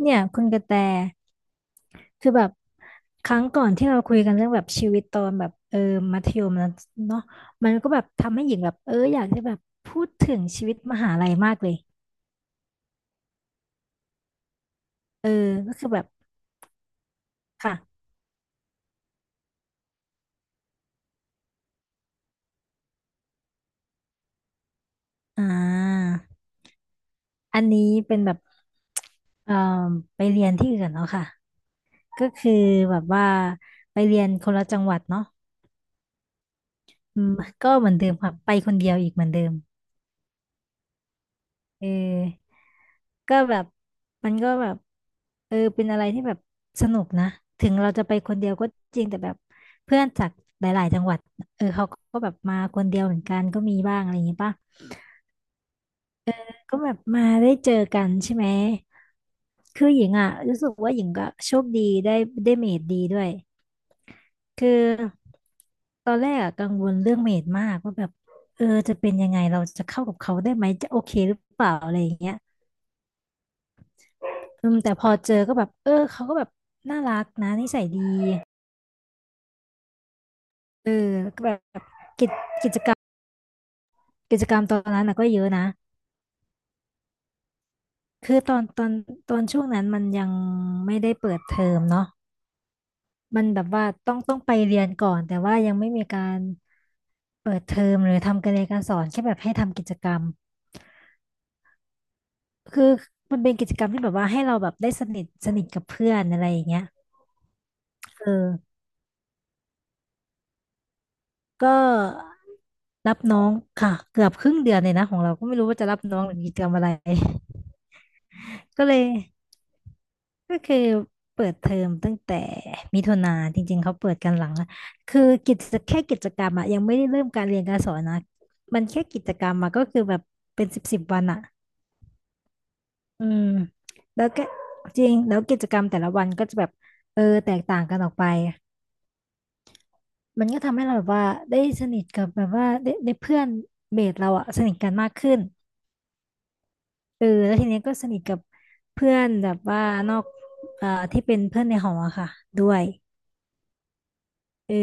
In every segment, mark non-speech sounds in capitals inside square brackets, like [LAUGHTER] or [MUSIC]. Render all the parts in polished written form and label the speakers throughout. Speaker 1: เนี่ยคุณกระแตคือแบบครั้งก่อนที่เราคุยกันเรื่องแบบชีวิตตอนแบบมัธยมแล้วเนาะมันก็แบบทำให้หญิงแบบอยากจะแบบพูดถึงชีวิตมหาลัยมากเลยเออก็คือแบบค่ะอ่าอันนี้เป็นแบบเอ่อไปเรียนที่อื่นเนาะค่ะก็คือแบบว่าไปเรียนคนละจังหวัดเนาะอืมก็เหมือนเดิมค่ะไปคนเดียวอีกเหมือนเดิมเออ ก็แบบมันก็แบบเป็นอะไรที่แบบสนุกนะถึงเราจะไปคนเดียวก็จริงแต่แบบเพื่อนจากหลายๆจังหวัดเขาก็แบบมาคนเดียวเหมือนกันก็มีบ้างอะไรอย่างงี้ป่ะก็แบบมาได้เจอกันใช่ไหมคือหญิงอ่ะรู้สึกว่าหญิงก็โชคดีได้ได้เมดดีด้วยคือตอนแรกอะกังวลเรื่องเมดมากว่าแบบจะเป็นยังไงเราจะเข้ากับเขาได้ไหมจะโอเคหรือเปล่าอะไรอย่างเงี้ย อืมแต่พอเจอก็แบบเขาก็แบบน่ารักนะนิสัยดีเออก็แบบกิจกิจกรรมกิจกรรมตอนนั้นนะก็เยอะนะคือตอนช่วงนั้นมันยังไม่ได้เปิดเทอมเนาะมันแบบว่าต้องไปเรียนก่อนแต่ว่ายังไม่มีการเปิดเทอมหรือทำการเรียนการสอนแค่แบบให้ทำกิจกรรมคือมันเป็นกิจกรรมที่แบบว่าให้เราแบบได้สนิทสนิทกับเพื่อนอะไรอย่างเงี้ยเออก็รับน้องค่ะเกือบครึ่งเดือนเลยนะของเราก็ไม่รู้ว่าจะรับน้องหรือกิจกรรมอะไร ก็เลยก็คือเปิดเทอมตั้งแต่มิถุนาจริงๆเขาเปิดกันหลังละคือแค่กิจกรรมอะยังไม่ได้เริ่มการเรียนการสอนนะมันแค่กิจกรรมอะก็คือแบบเป็นสิบสิบวันอะอืมแล้วก็จริงแล้วกิจกรรมแต่ละวันก็จะแบบแตกต่างกันออกไปมันก็ทำให้เราแบบว่าได้สนิทกับแบบว่าได้เพื่อนเมทเราอะสนิทกันมากขึ้นเออแล้วทีเนี้ยก็สนิทกับเพื่อนแบบว่านอกที่เป็นเพื่อนในหออะค่ะด้วยเออ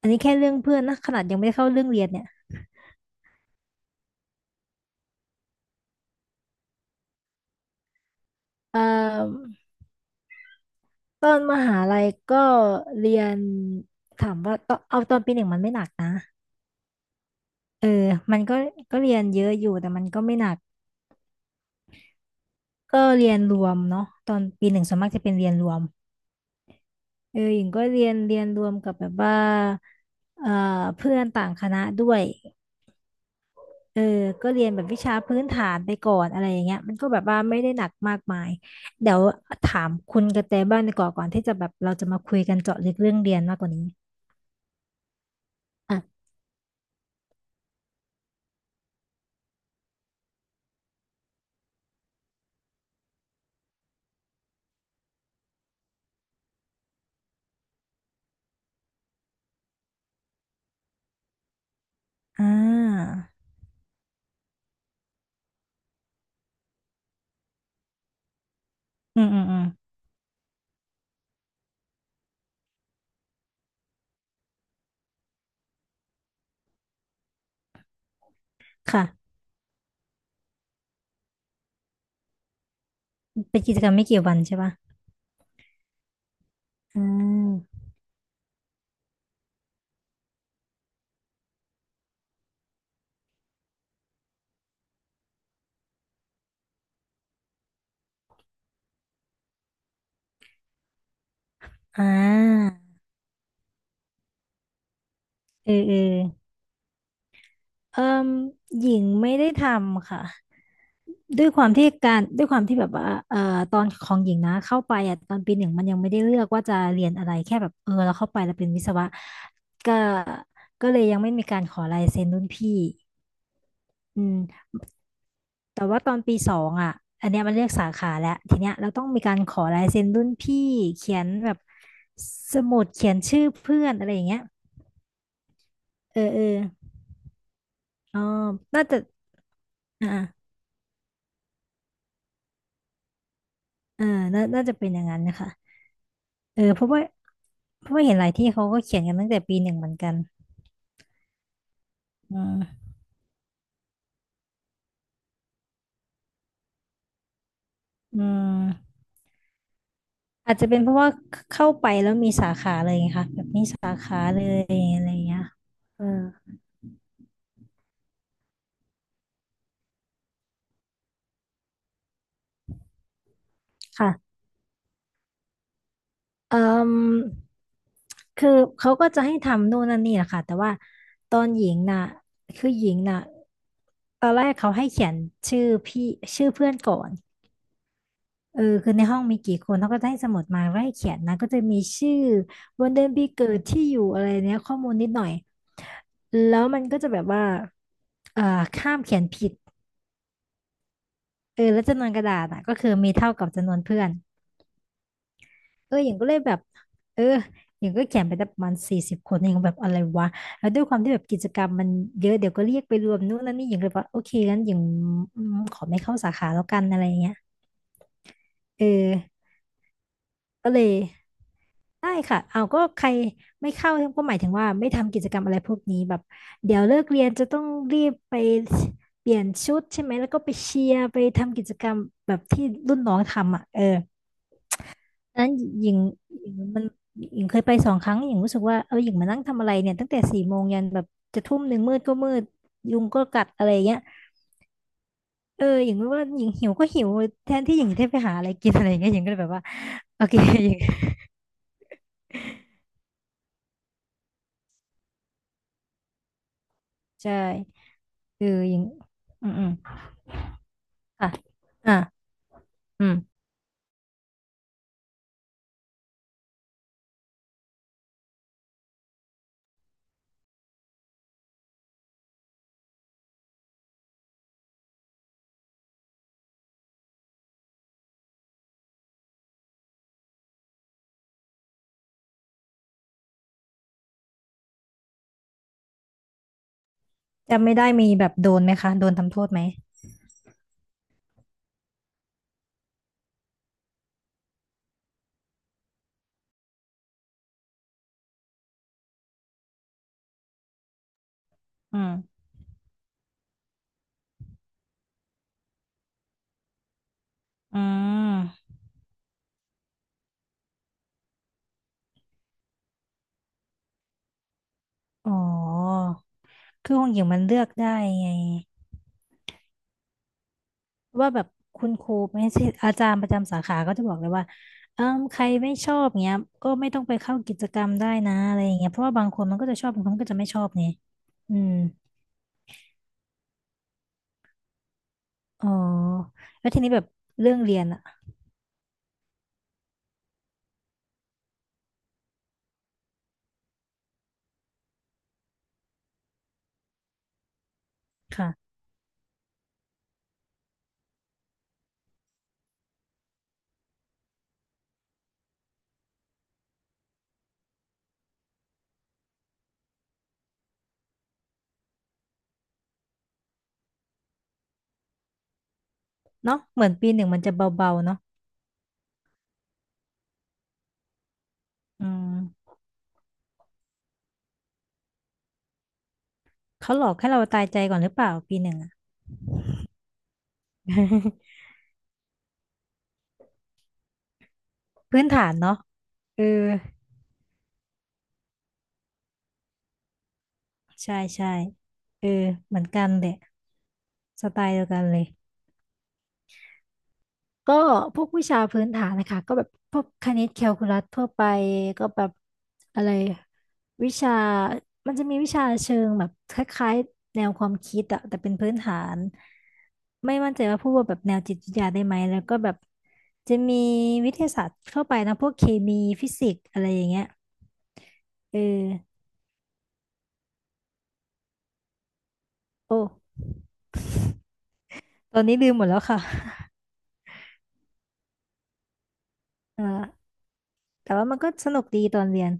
Speaker 1: อันนี้แค่เรื่องเพื่อนนะขนาดยังไม่ได้เข้าเรื่องเรียนเนี่ยเอ่อตอนมหาลัยก็เรียนถามว่าตอนเอาตอนปีหนึ่งมันไม่หนักนะเออมันก็ก็เรียนเยอะอยู่แต่มันก็ไม่หนักก็เรียนรวมเนาะตอนปีหนึ่งส่วนมากจะเป็นเรียนรวมเออหญิงก็เรียนเรียนรวมกับแบบว่าเอ่อเพื่อนต่างคณะด้วย เออก็เรียนแบบวิชาพื้นฐานไปก่อนอะไรอย่างเงี้ยมันก็แบบว่าไม่ได้หนักมากมาย เดี๋ยวถามคุณกระแตบ้างดีกว่าก่อนที่จะแบบเราจะมาคุยกันเจาะลึกเรื่องเรียนมากกว่านี้อ่ะอ่าอืมอืมอืมค่ะเป็นกิจกรรมไม่กี่วันใช่ปะอืมอ่าเออเออเอิ่มหญิงไม่ได้ทำค่ะ ด้วยความที่การด้วยความที่แบบว่าตอนของหญิงนะเข้าไปอ่ะตอนปีหนึ่งมันยังไม่ได้เลือกว่าจะเรียนอะไรแค่แบบเราเข้าไปแล้วเป็นวิศวะก็ก็เลยยังไม่มีการขอลายเซ็นรุ่นพี่อืมแต่ว่าตอนปีสองอ่ะอันเนี้ยมันเรียกสาขาแล้วทีเนี้ยเราต้องมีการขอลายเซ็นรุ่นพี่เขียนแบบสมุดเขียนชื่อเพื่อนอะไรอย่างเงี้ยเออเอออ๋อน่าจะอ่าอ่าน่าจะเป็นอย่างนั้นนะคะ เออเพราะว่าเพราะว่าเห็นหลายที่เขาก็เขียนกันตั้งแต่ปีหนึ่งเหมือนกันอืมอืมอาจจะเป็นเพราะว่าเข้าไปแล้วมีสาขาเลยไงค่ะแบบมีสาขาเลยอะไรอย่างเงี้ยเออค่ะเอ่มคือเขาก็จะให้ทำนู่นนั่นนี่แหละค่ะแต่ว่าตอนหญิงน่ะคือหญิงน่ะตอนแรกเขาให้เขียนชื่อพี่ชื่อเพื่อนก่อน เออคือในห้องมีกี่คนเขาก็จะให้สมุดมาไล่เขียนนะก็จะมีชื่อวันเดือนปีเกิดที่อยู่อะไรเนี้ยข้อมูลนิดหน่อยแล้วมันก็จะแบบว่าเอ่อข้ามเขียนผิดเออแล้วจำนวนกระดาษอ่ะก็คือมีเท่ากับจำนวนเพื่อนเอออย่างก็เลยแบบเอออย่างก็เขียนไปได้ประมาณ40 คนเองแบบอะไรวะแล้วด้วยความที่แบบกิจกรรมมันเยอะเดี๋ยวก็เรียกไปรวมนู่นนั่นนี่อย่างเลยว่าโอเคงั้นอย่างอืมขอไม่เข้าสาขาแล้วกันอะไรเงี้ยเออก็เลย ได้ค่ะเอาก็ใครไม่เข้าก็หมายถึงว่าไม่ทำกิจกรรมอะไรพวกนี้แบบเดี๋ยวเลิกเรียนจะต้องรีบไปเปลี่ยนชุดใช่ไหมแล้วก็ไปเชียร์ไปทำกิจกรรมแบบที่รุ่นน้องทำอ่ะเออนั้นหญิงมันหญิงเคยไป2 ครั้งหญิงรู้สึกว่าเออหญิงมานั่งทำอะไรเนี่ยตั้งแต่4 โมงยันแบบจะ1 ทุ่มืดก็มืดยุงก็กัดอะไรเงี้ยเออหญิงว่าหญิงหิวก็หิวแทนที่หญิงจะได้ไปหาอะไรกินอะไรเงี้ยหญิงก็เลยแบบว่าโอเคหญิงใช่เออหญิงอืม ค่ะอ่าอืมจำไม่ได้มีแบบโดนไหมคะโดนทำโทษไหมอืมอืมอ๋อคือของหญิงมันเลือกได้ไงว่าแบบคุณครูไม่ใช่อาจารย์ประจำสาขาก็จะบอกเลยว่าเออใครไม่ชอบเงี้ยก็ไม่ต้องไปเข้ากิจกรรมได้นะอะไรอย่างเงี้ยเพราะว่าบางคนมันก็จะชอบบางคนก็จะไม่ชอบไงอืมอ๋อแล้วทีนี้แบบเรื่องเรียนอะค่ะเนาะเหมือนปีหนึ่งมันจะเบาๆเนาะอืมเขาหลอกให้เราตายใจก่อนหรือเปล่าปีหนึ่งอะ [LAUGHS] พื้นฐานเนาะเออใช่ใช่เออเหมือนกันเหละสไตล์เดียวกันเลย ก็พวกวิชาพื้นฐานนะคะ ก็แบบพวกคณิตแคลคูลัสทั่วไป ก็แบบอะไรวิชามันจะมีวิชาเชิงแบบคล้ายๆแนวความคิดอะแต่เป็นพื้นฐาน ไม่มั่นใจว่าพูดว่าแบบแนวจิตวิทยาได้ไหมแล้วก็แบบจะมีวิทยาศาสตร์ทั่วไปนะพวกเคมีฟิสิกส์อะไรอย่างเงี้ยเออโอ้ตอนนี้ลืมหมดแล้วค่ะ [LAUGHS] อ่า แต่ว่ามันก็สนุกดีตอนเรียน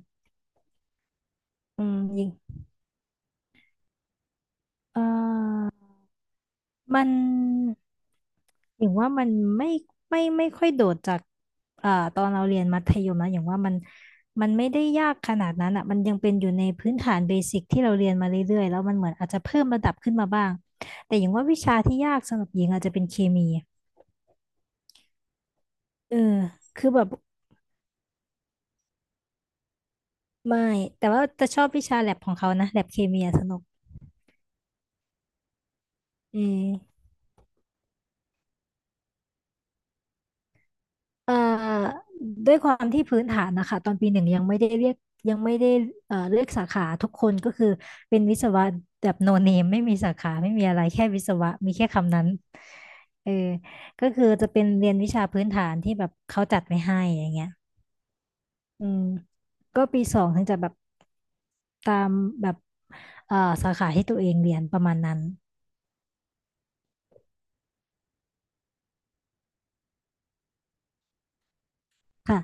Speaker 1: อืมยิงเอ่อมันอย่างว่ามันไม่ไม่ค่อยโดดจากอ่าตอนเราเรียนมัธยมนะอย่างว่ามันไม่ได้ยากขนาดนั้นอ่ะมันยังเป็นอยู่ในพื้นฐานเบสิกที่เราเรียนมาเรื่อยๆ แล้วมันเหมือนอาจจะเพิ่มระดับขึ้นมาบ้างแต่อย่างว่าวิชาที่ยากสำหรับหญิงอาจจะเป็นเคมีเออคือแบบไม่แต่ว่าจะชอบวิชาแลบของเขานะแลบเคมีอะสนุกอืม เอ่อด้วยความที่พื้นฐานนะคะตอนปีหนึ่งยังไม่ได้เรียกยังไม่ได้เอ่อเลือกสาขาทุกคนก็คือเป็นวิศวะแบบโนเนมไม่มีสาขาไม่มีอะไรแค่วิศวะมีแค่คำนั้นเออก็คือจะเป็นเรียนวิชาพื้นฐานที่แบบเขาจัดไว้ให้อย่างเงี้ยอืมก็ปี 2ถึงจะแบบตามแบบเอ่อสาขาที่ตัวเองเรียนประมาณนั้นค่ะ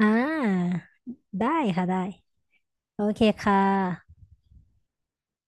Speaker 1: อ่าได้ค่ะได้โอเคค่ะ